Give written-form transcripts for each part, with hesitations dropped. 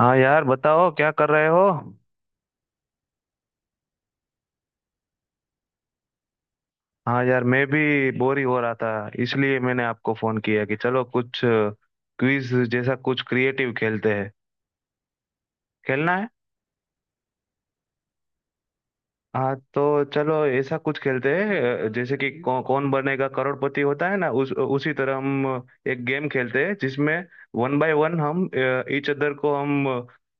हाँ यार बताओ क्या कर रहे हो। हाँ यार मैं भी बोर ही हो रहा था, इसलिए मैंने आपको फोन किया कि चलो कुछ क्विज जैसा कुछ क्रिएटिव खेलते हैं। खेलना है? हाँ तो चलो ऐसा कुछ खेलते हैं। जैसे कि कौन बनेगा करोड़पति होता है ना, उस उसी तरह हम एक गेम खेलते हैं जिसमें वन बाय वन हम ईच अदर को हम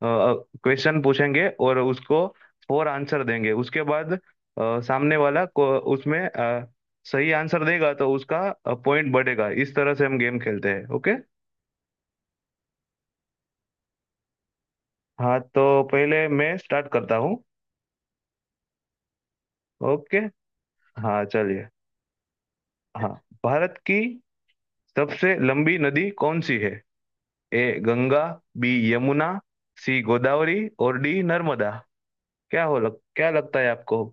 क्वेश्चन पूछेंगे, और उसको फोर आंसर देंगे। उसके बाद सामने वाला को उसमें सही आंसर देगा तो उसका पॉइंट बढ़ेगा। इस तरह से हम गेम खेलते हैं, ओके? हाँ, तो पहले मैं स्टार्ट करता हूँ। ओके। हाँ चलिए। हाँ। भारत की सबसे लंबी नदी कौन सी है? A Ganga, B Yamuna, C Godavari और डी नर्मदा। क्या लगता है आपको?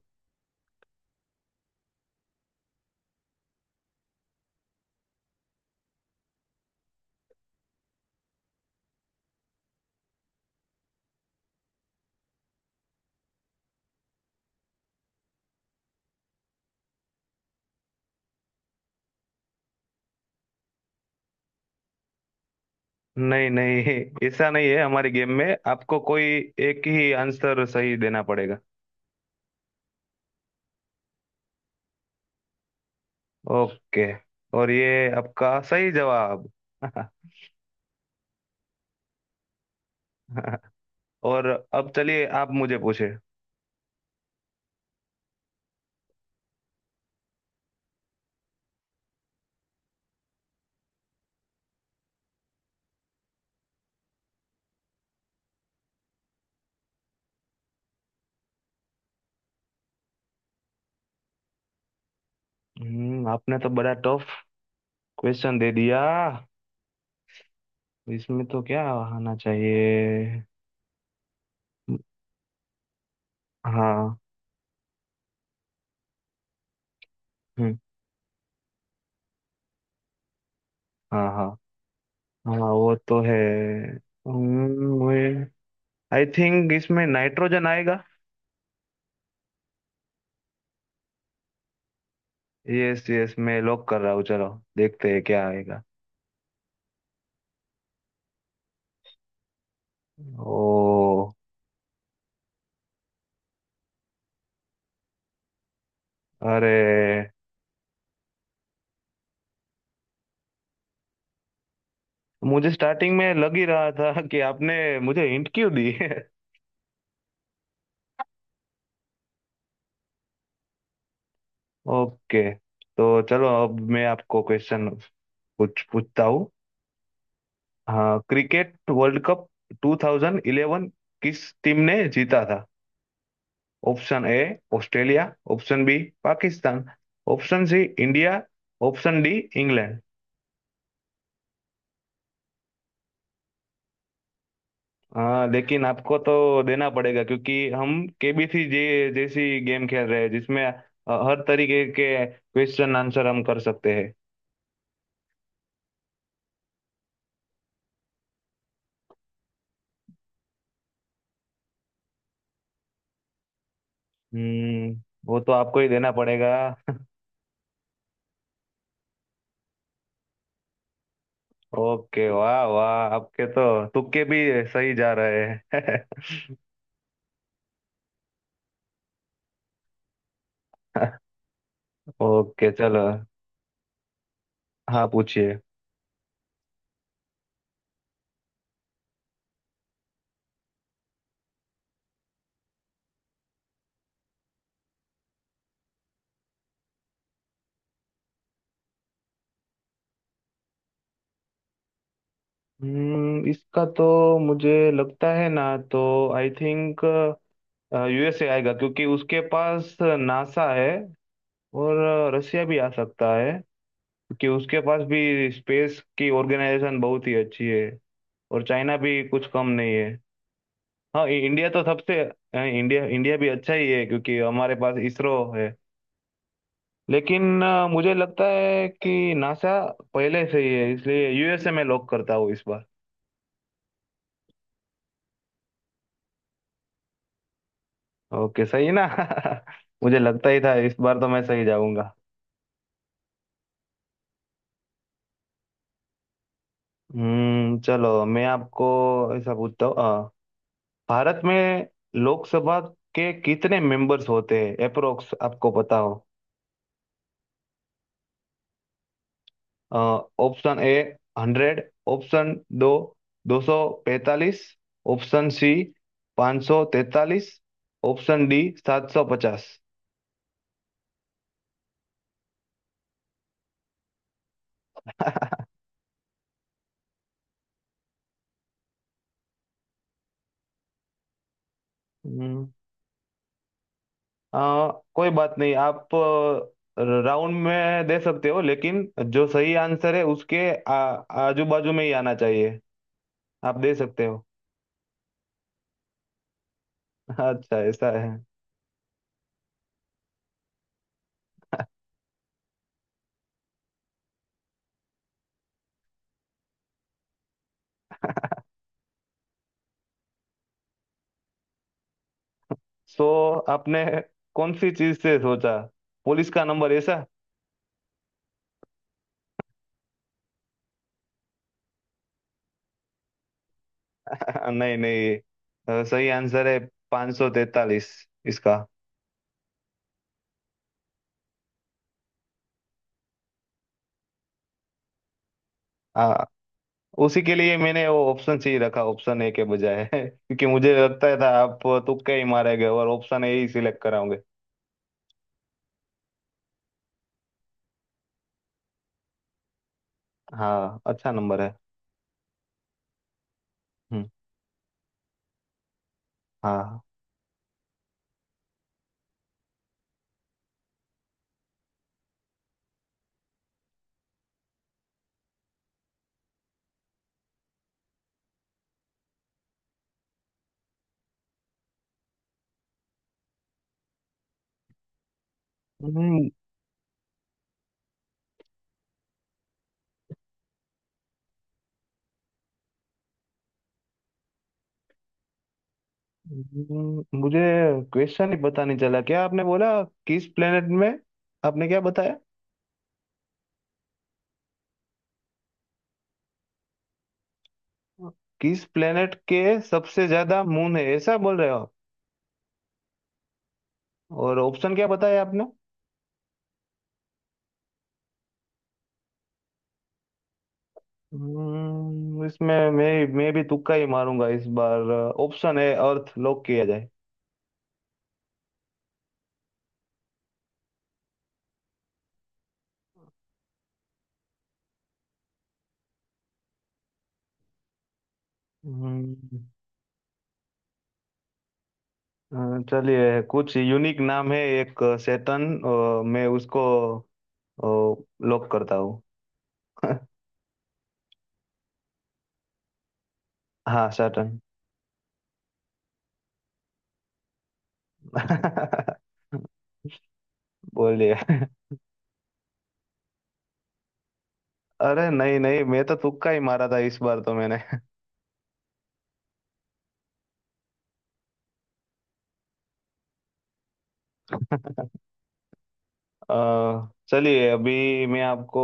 नहीं नहीं, ऐसा नहीं है, हमारे गेम में आपको कोई एक ही आंसर सही देना पड़ेगा। ओके, और ये आपका सही जवाब। और अब चलिए, आप मुझे पूछे। आपने तो बड़ा टफ क्वेश्चन दे दिया। इसमें तो क्या आना चाहिए? हाँ। हम्म। हाँ हाँ। हाँ, वो तो है। मुझे आई थिंक इसमें नाइट्रोजन आएगा। यस यस, मैं लॉक कर रहा हूँ, चलो देखते हैं क्या आएगा। ओ। अरे, मुझे स्टार्टिंग में लग ही रहा था कि आपने मुझे हिंट क्यों दी है। ओके, तो चलो अब मैं आपको क्वेश्चन कुछ पूछता हूँ। हाँ, क्रिकेट वर्ल्ड कप 2011 किस टीम ने जीता था? Option A Australia, option B Pakistan, option C India, option D England. हाँ, लेकिन आपको तो देना पड़ेगा, क्योंकि हम केबीसी जे जैसी गेम खेल रहे हैं जिसमें हर तरीके के क्वेश्चन आंसर हम कर सकते हैं। हम्म वो तो आपको ही देना पड़ेगा। ओके, वाह वाह, आपके तो तुक्के भी सही जा रहे हैं। ओके चलो। हाँ पूछिए। इसका तो मुझे लगता है ना, तो आई थिंक यूएसए आएगा, क्योंकि उसके पास नासा है। और रसिया भी आ सकता है, क्योंकि उसके पास भी स्पेस की ऑर्गेनाइजेशन बहुत ही अच्छी है। और चाइना भी कुछ कम नहीं है। हाँ, इंडिया तो सबसे इंडिया इंडिया भी अच्छा ही है, क्योंकि हमारे पास इसरो है। लेकिन मुझे लगता है कि नासा पहले से ही है, इसलिए यूएसए में लॉक करता हूँ इस बार। ओके, सही है ना? मुझे लगता ही था, इस बार तो मैं सही जाऊंगा। चलो मैं आपको ऐसा पूछता हूँ, भारत में लोकसभा के कितने मेंबर्स होते हैं अप्रोक्स, आपको पता हो? ऑप्शन ए 100, ऑप्शन दो 245, ऑप्शन सी 543, ऑप्शन डी 750। हम्म आ, कोई बात नहीं, आप राउंड में दे सकते हो, लेकिन जो सही आंसर है उसके आजू बाजू में ही आना चाहिए। आप दे सकते हो। अच्छा, ऐसा है। सो आपने कौन सी चीज से सोचा, पुलिस का नंबर ऐसा? नहीं नहीं, सही आंसर है 543 इसका। आ, उसी के लिए मैंने वो ऑप्शन सी रखा, ऑप्शन ए के बजाय, क्योंकि मुझे लगता था आप तुक्के ही मारेंगे और ऑप्शन ए ही सिलेक्ट कराओगे। हाँ, अच्छा नंबर है। हाँ। हम्म। मुझे क्वेश्चन ही पता नहीं चला, क्या आपने बोला? किस प्लेनेट में आपने क्या बताया? किस प्लेनेट के सबसे ज्यादा मून है, ऐसा बोल रहे हो आप? और ऑप्शन क्या बताया आपने? इसमें मैं भी तुक्का ही मारूंगा इस बार। ऑप्शन है अर्थ, लॉक किया जाए। हम्म, चलिए, कुछ यूनिक नाम है एक सैटर्न, मैं उसको लॉक करता हूँ। हाँ सैटर्न। बोलिए। अरे नहीं नहीं, मैं तो तुक्का ही मारा था इस बार तो मैंने। चलिए, अभी मैं आपको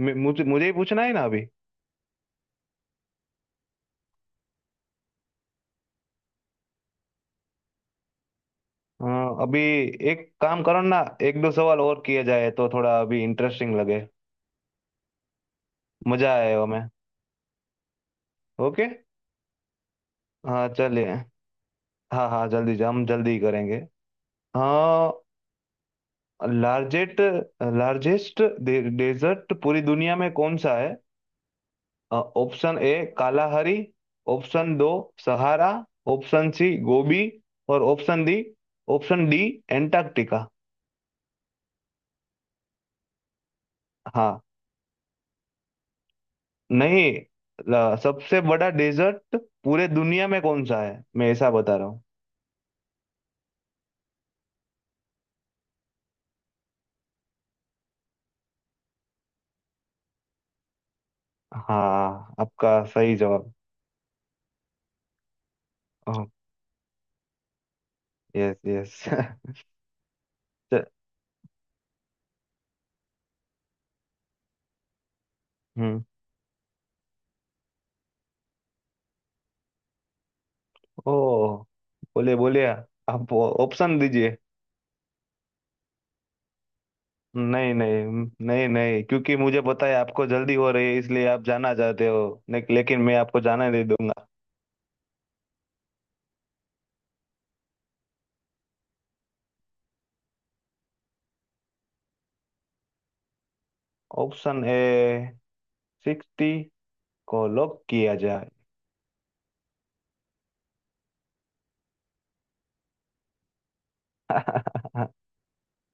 मुझे मुझे ही पूछना है ना अभी। अ, अभी एक काम करो ना, एक दो सवाल और किए जाए, तो थोड़ा अभी इंटरेस्टिंग लगे, मजा आए हमें। ओके। हाँ चलिए। हाँ हाँ, जल्दी, हम जल्दी करेंगे। हाँ। लार्जेस्ट लार्जेस्ट डेजर्ट पूरी दुनिया में कौन सा है? ऑप्शन ए कालाहरी, ऑप्शन दो सहारा, ऑप्शन सी गोबी और option D, option D Antarctica. हाँ। नहीं, सबसे बड़ा डेजर्ट पूरे दुनिया में कौन सा है, मैं ऐसा बता रहा हूँ। हाँ, आपका सही जवाब। Yes yes. हम्म। ओ, बोलिए बोलिए, आप ऑप्शन दीजिए। नहीं नहीं नहीं नहीं, क्योंकि मुझे पता है आपको जल्दी हो रही है, इसलिए आप जाना चाहते हो, लेकिन मैं आपको जाने नहीं दूंगा। ऑप्शन ए 60 को लॉक किया जाए।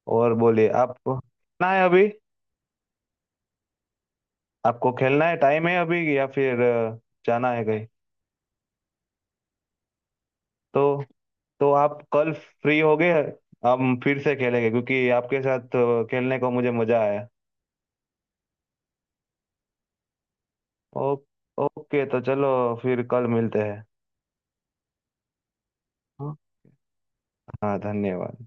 और बोलिए, आपको ना है अभी? आपको खेलना है, टाइम है अभी, या फिर जाना है कहीं? तो तो आप कल फ्री हो गए, हम फिर से खेलेंगे, क्योंकि आपके साथ खेलने को मुझे मजा आया। ओ, ओके, तो चलो, फिर कल मिलते हैं। हाँ। हाँ, धन्यवाद।